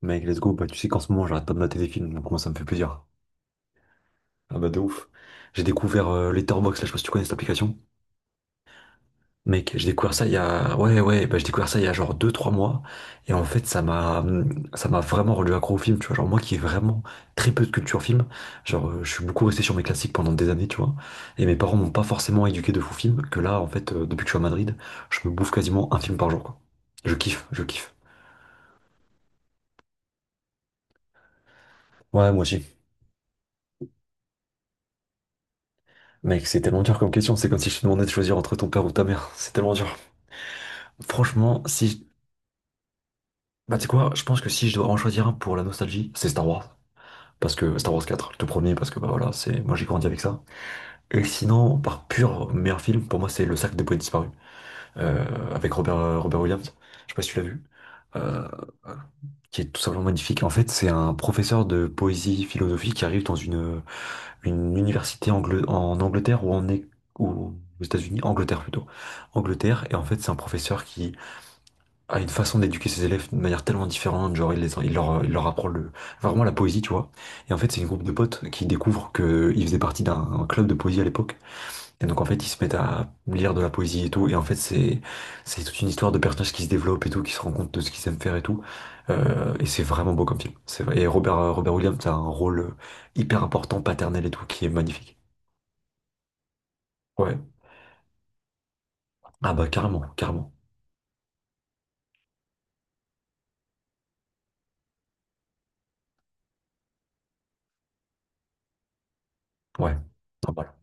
Mec, let's go. Bah, tu sais qu'en ce moment, j'arrête pas de mater des films, donc moi, ça me fait plaisir. Ah bah, de ouf. J'ai découvert Letterboxd, là, je sais pas si tu connais cette application. Mec, j'ai découvert ça il y a. Ouais, ouais, bah, j'ai découvert ça il y a genre deux, trois mois. Et en fait, ça m'a vraiment rendu accro au film, tu vois. Genre, moi qui ai vraiment très peu de culture film, genre, je suis beaucoup resté sur mes classiques pendant des années, tu vois. Et mes parents m'ont pas forcément éduqué de fou film, que là, en fait, depuis que je suis à Madrid, je me bouffe quasiment un film par jour, quoi. Je kiffe, je kiffe. Ouais, moi aussi. Mec, c'est tellement dur comme question. C'est comme si je te demandais de choisir entre ton père ou ta mère. C'est tellement dur. Franchement, si. Bah, tu sais quoi, je pense que si je dois en choisir un pour la nostalgie, c'est Star Wars. Parce que Star Wars quatre, le tout premier, parce que bah voilà, c'est moi j'ai grandi avec ça. Et sinon, par pur meilleur film, pour moi c'est Le Cercle des Poètes Disparus, avec Robert Williams. Je sais pas si tu l'as vu. Euh, qui est tout simplement magnifique. En fait, c'est un professeur de poésie philosophique qui arrive dans une université en Angleterre ou en ou aux États-Unis, Angleterre plutôt. Angleterre, et en fait, c'est un professeur qui a une façon d'éduquer ses élèves d'une manière tellement différente, genre il leur apprend enfin, vraiment la poésie, tu vois. Et en fait, c'est une groupe de potes qui découvrent qu'ils faisaient partie d'un club de poésie à l'époque. Et donc, en fait, ils se mettent à lire de la poésie et tout. Et en fait, c'est toute une histoire de personnages qui se développent et tout, qui se rendent compte de ce qu'ils aiment faire et tout. Et c'est vraiment beau comme film. C'est vrai. Et Robert Williams a un rôle hyper important, paternel et tout, qui est magnifique. Ouais. Ah bah carrément, carrément. Ouais. Ah, voilà.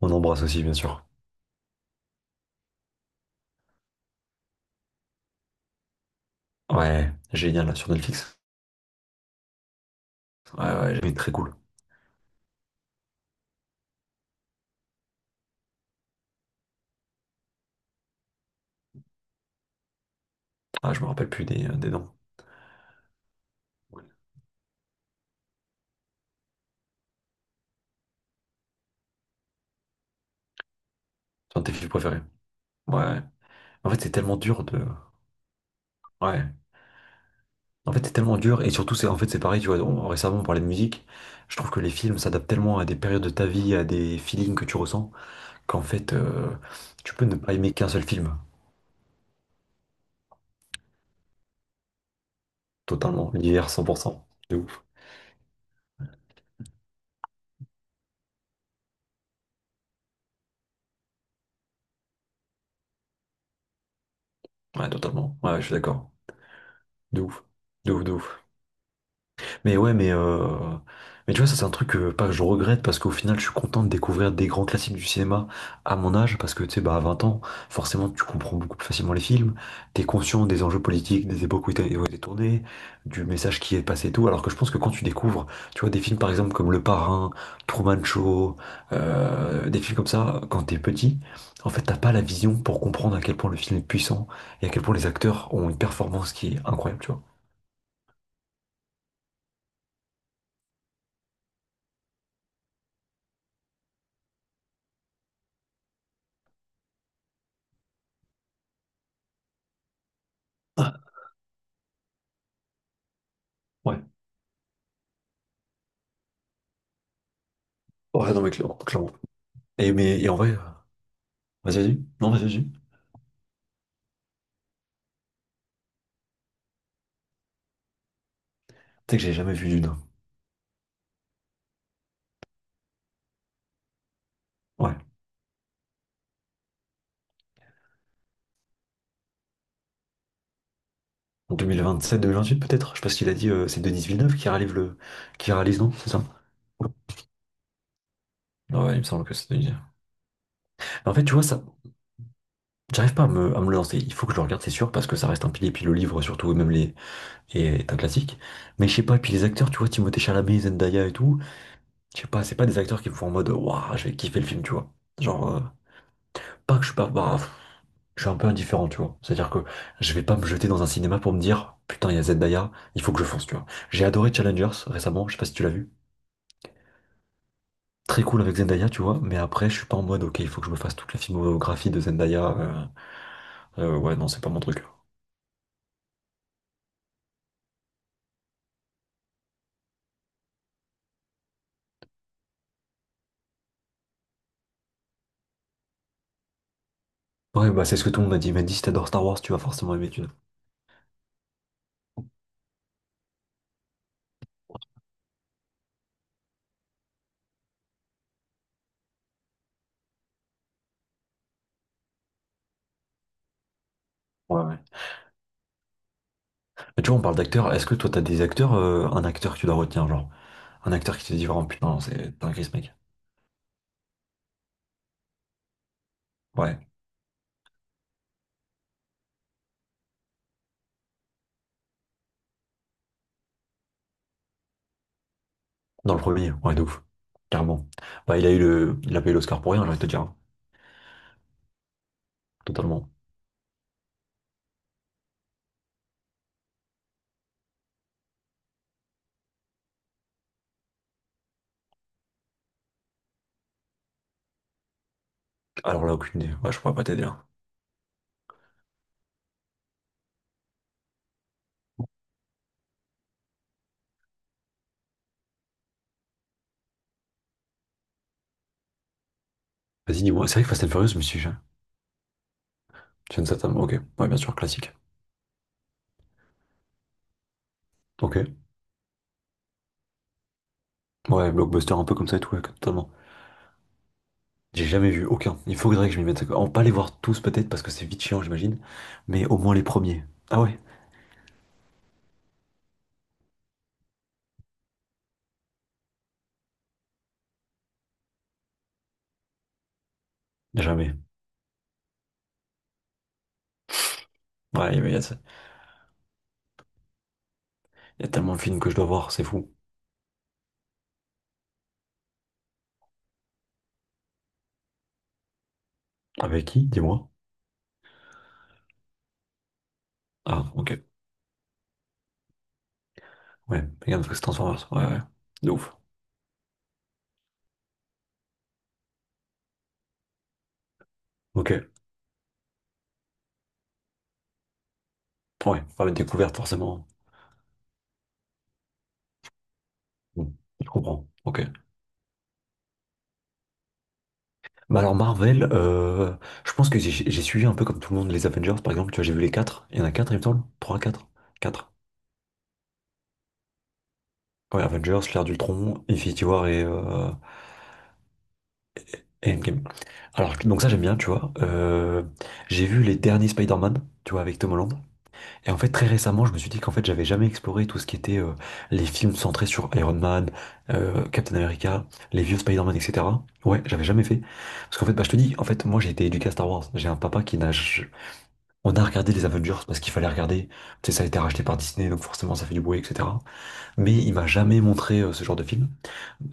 On embrasse aussi, bien sûr. Ouais, génial là sur Netflix. Ouais, ouais, j'avais très cool. Ah, je me rappelle plus des noms. C'est un de tes films préférés. Ouais. En fait, c'est tellement dur de. Ouais. En fait, c'est tellement dur. Et surtout, c'est en fait, c'est pareil, tu vois. Récemment, on parlait de musique. Je trouve que les films s'adaptent tellement à des périodes de ta vie, à des feelings que tu ressens, qu'en fait, tu peux ne pas aimer qu'un seul film. Totalement. L'hiver, 100%. De ouf. Ouais, totalement. Ouais, je suis d'accord. De ouf. De ouf, de ouf. Mais ouais, mais tu vois, ça c'est un truc que, pas que je regrette parce qu'au final je suis content de découvrir des grands classiques du cinéma à mon âge parce que tu sais, bah, à 20 ans, forcément tu comprends beaucoup plus facilement les films, t'es conscient des enjeux politiques, des époques où ils ont été tournés, du message qui est passé et tout. Alors que je pense que quand tu découvres, tu vois, des films par exemple comme Le Parrain, Truman Show, des films comme ça, quand t'es petit, en fait t'as pas la vision pour comprendre à quel point le film est puissant et à quel point les acteurs ont une performance qui est incroyable, tu vois. Ah, ouais. Ouais, non, mais clairement. Clairement. Et, mais, et en vrai, vas-y, vas-y. Non, vas-y, vas-y. Tu sais que j'ai jamais vu Dune, hein. Ouais. En deux mille vingt-sept, 2027, 28 peut-être. Je sais pas ce qu'il a dit, c'est Denis Villeneuve qui réalise le. Qui réalise, non? C'est ça? Ah ouais, il me semble que c'est Denis. Mais en fait, tu vois, ça, j'arrive pas à me le lancer. Il faut que je le regarde, c'est sûr, parce que ça reste un pilier, puis le livre surtout, et même les. Et est un classique. Mais je sais pas, et puis les acteurs, tu vois, Timothée Chalamet, Zendaya et tout, je sais pas, c'est pas des acteurs qui me font en mode, waouh, je vais kiffer le film, tu vois. Genre. Pas que je suis pas. Bah, pff, je suis un peu indifférent, tu vois. C'est-à-dire que je vais pas me jeter dans un cinéma pour me dire, putain, il y a Zendaya, il faut que je fonce, tu vois. J'ai adoré Challengers récemment, je sais pas si tu l'as vu. Très cool avec Zendaya, tu vois, mais après, je suis pas en mode, ok, il faut que je me fasse toute la filmographie de Zendaya. Ouais, non, c'est pas mon truc. Ouais, bah c'est ce que tout le monde m'a dit. Il m'a dit, si t'adores Star Wars, tu vas forcément aimer, tu Ouais, ouais. Mais tu vois, on parle d'acteurs. Est-ce que toi, t'as des acteurs, un acteur que tu dois retenir, genre? Un acteur qui te dit vraiment, putain, c'est t'es un gris, mec. Ouais. Dans le premier, ouais, de ouf. Carrément. Bah, il a eu il a payé l'Oscar pour rien, j'ai envie de te dire, hein. Totalement. Alors là, aucune idée. Ouais, je pourrais pas t'aider là. Vas-y, dis-moi. C'est vrai que Fast and Furious, je me suis. Jason Statham, ok. Ouais, bien sûr, classique. Ok. Ouais, blockbuster un peu comme ça et tout, ouais, totalement. J'ai jamais vu aucun. Il faudrait que je m'y mette. On pas les voir tous peut-être parce que c'est vite chiant, j'imagine. Mais au moins les premiers. Ah ouais, jamais. Ouais, il y a tellement de films que je dois voir, c'est fou. Avec qui? Dis-moi. Ah, ok. Ouais, regarde, parce que c'est Transformers. Ouais, ouais. De ouf. Ok. Ouais, pas une découverte forcément. Mm. Je comprends. Ok. Bah alors Marvel, je pense que j'ai suivi un peu comme tout le monde les Avengers par exemple. Tu vois, j'ai vu les quatre. Il y en a 4 il me semble. 3, quatre. 4. Ouais, Avengers, l'ère d'Ultron, Infinity War et Endgame. Alors, donc ça j'aime bien, tu vois. J'ai vu les derniers Spider-Man, tu vois, avec Tom Holland. Et en fait, très récemment, je me suis dit qu'en fait, j'avais jamais exploré tout ce qui était les films centrés sur Iron Man, Captain America, les vieux Spider-Man, etc. Ouais, j'avais jamais fait. Parce qu'en fait, bah, je te dis, en fait, moi, j'ai été éduqué à Star Wars. J'ai un papa qui n'a. On a regardé les Avengers parce qu'il fallait regarder. Tu sais, ça a été racheté par Disney, donc forcément, ça fait du bruit, etc. Mais il m'a jamais montré ce genre de film.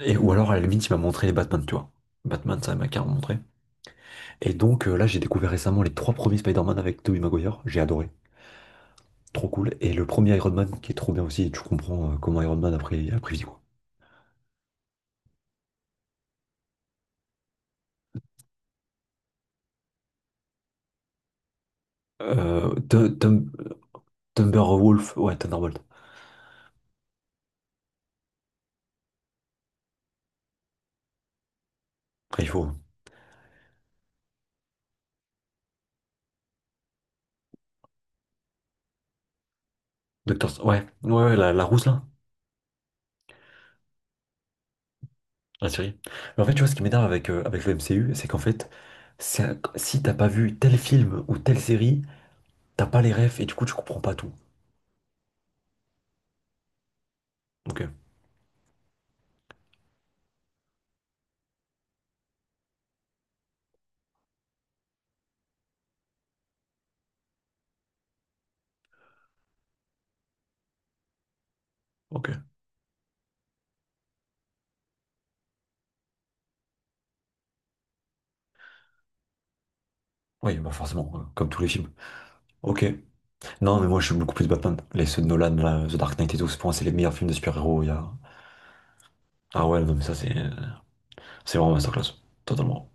Et, ou alors, à la limite, il m'a montré les Batman, tu vois. Batman, ça il m'a carrément montré. Et donc, là, j'ai découvert récemment les trois premiers Spider-Man avec Tobey Maguire. J'ai adoré. Trop cool. Et le premier Iron Man qui est trop bien aussi, tu comprends comment Iron Man a pris vie, quoi. Euh, Thun- Thun- Thunderwolf, ouais, Thunderbolt. Après, il faut. Ouais, ouais, ouais, la rousse là, la série. Mais en fait, tu vois, ce qui m'énerve avec le MCU, c'est qu'en fait, si t'as pas vu tel film ou telle série, t'as pas les refs et du coup, tu comprends pas tout. Ok, ok. Oui, bah forcément, comme tous les films. Ok. Non, mais moi, je suis beaucoup plus Batman. Les ceux de Nolan, là, The Dark Knight et tout, c'est pour moi, c'est les meilleurs films de super-héros. Ah ouais, non, mais ça, c'est. C'est vraiment masterclass, totalement.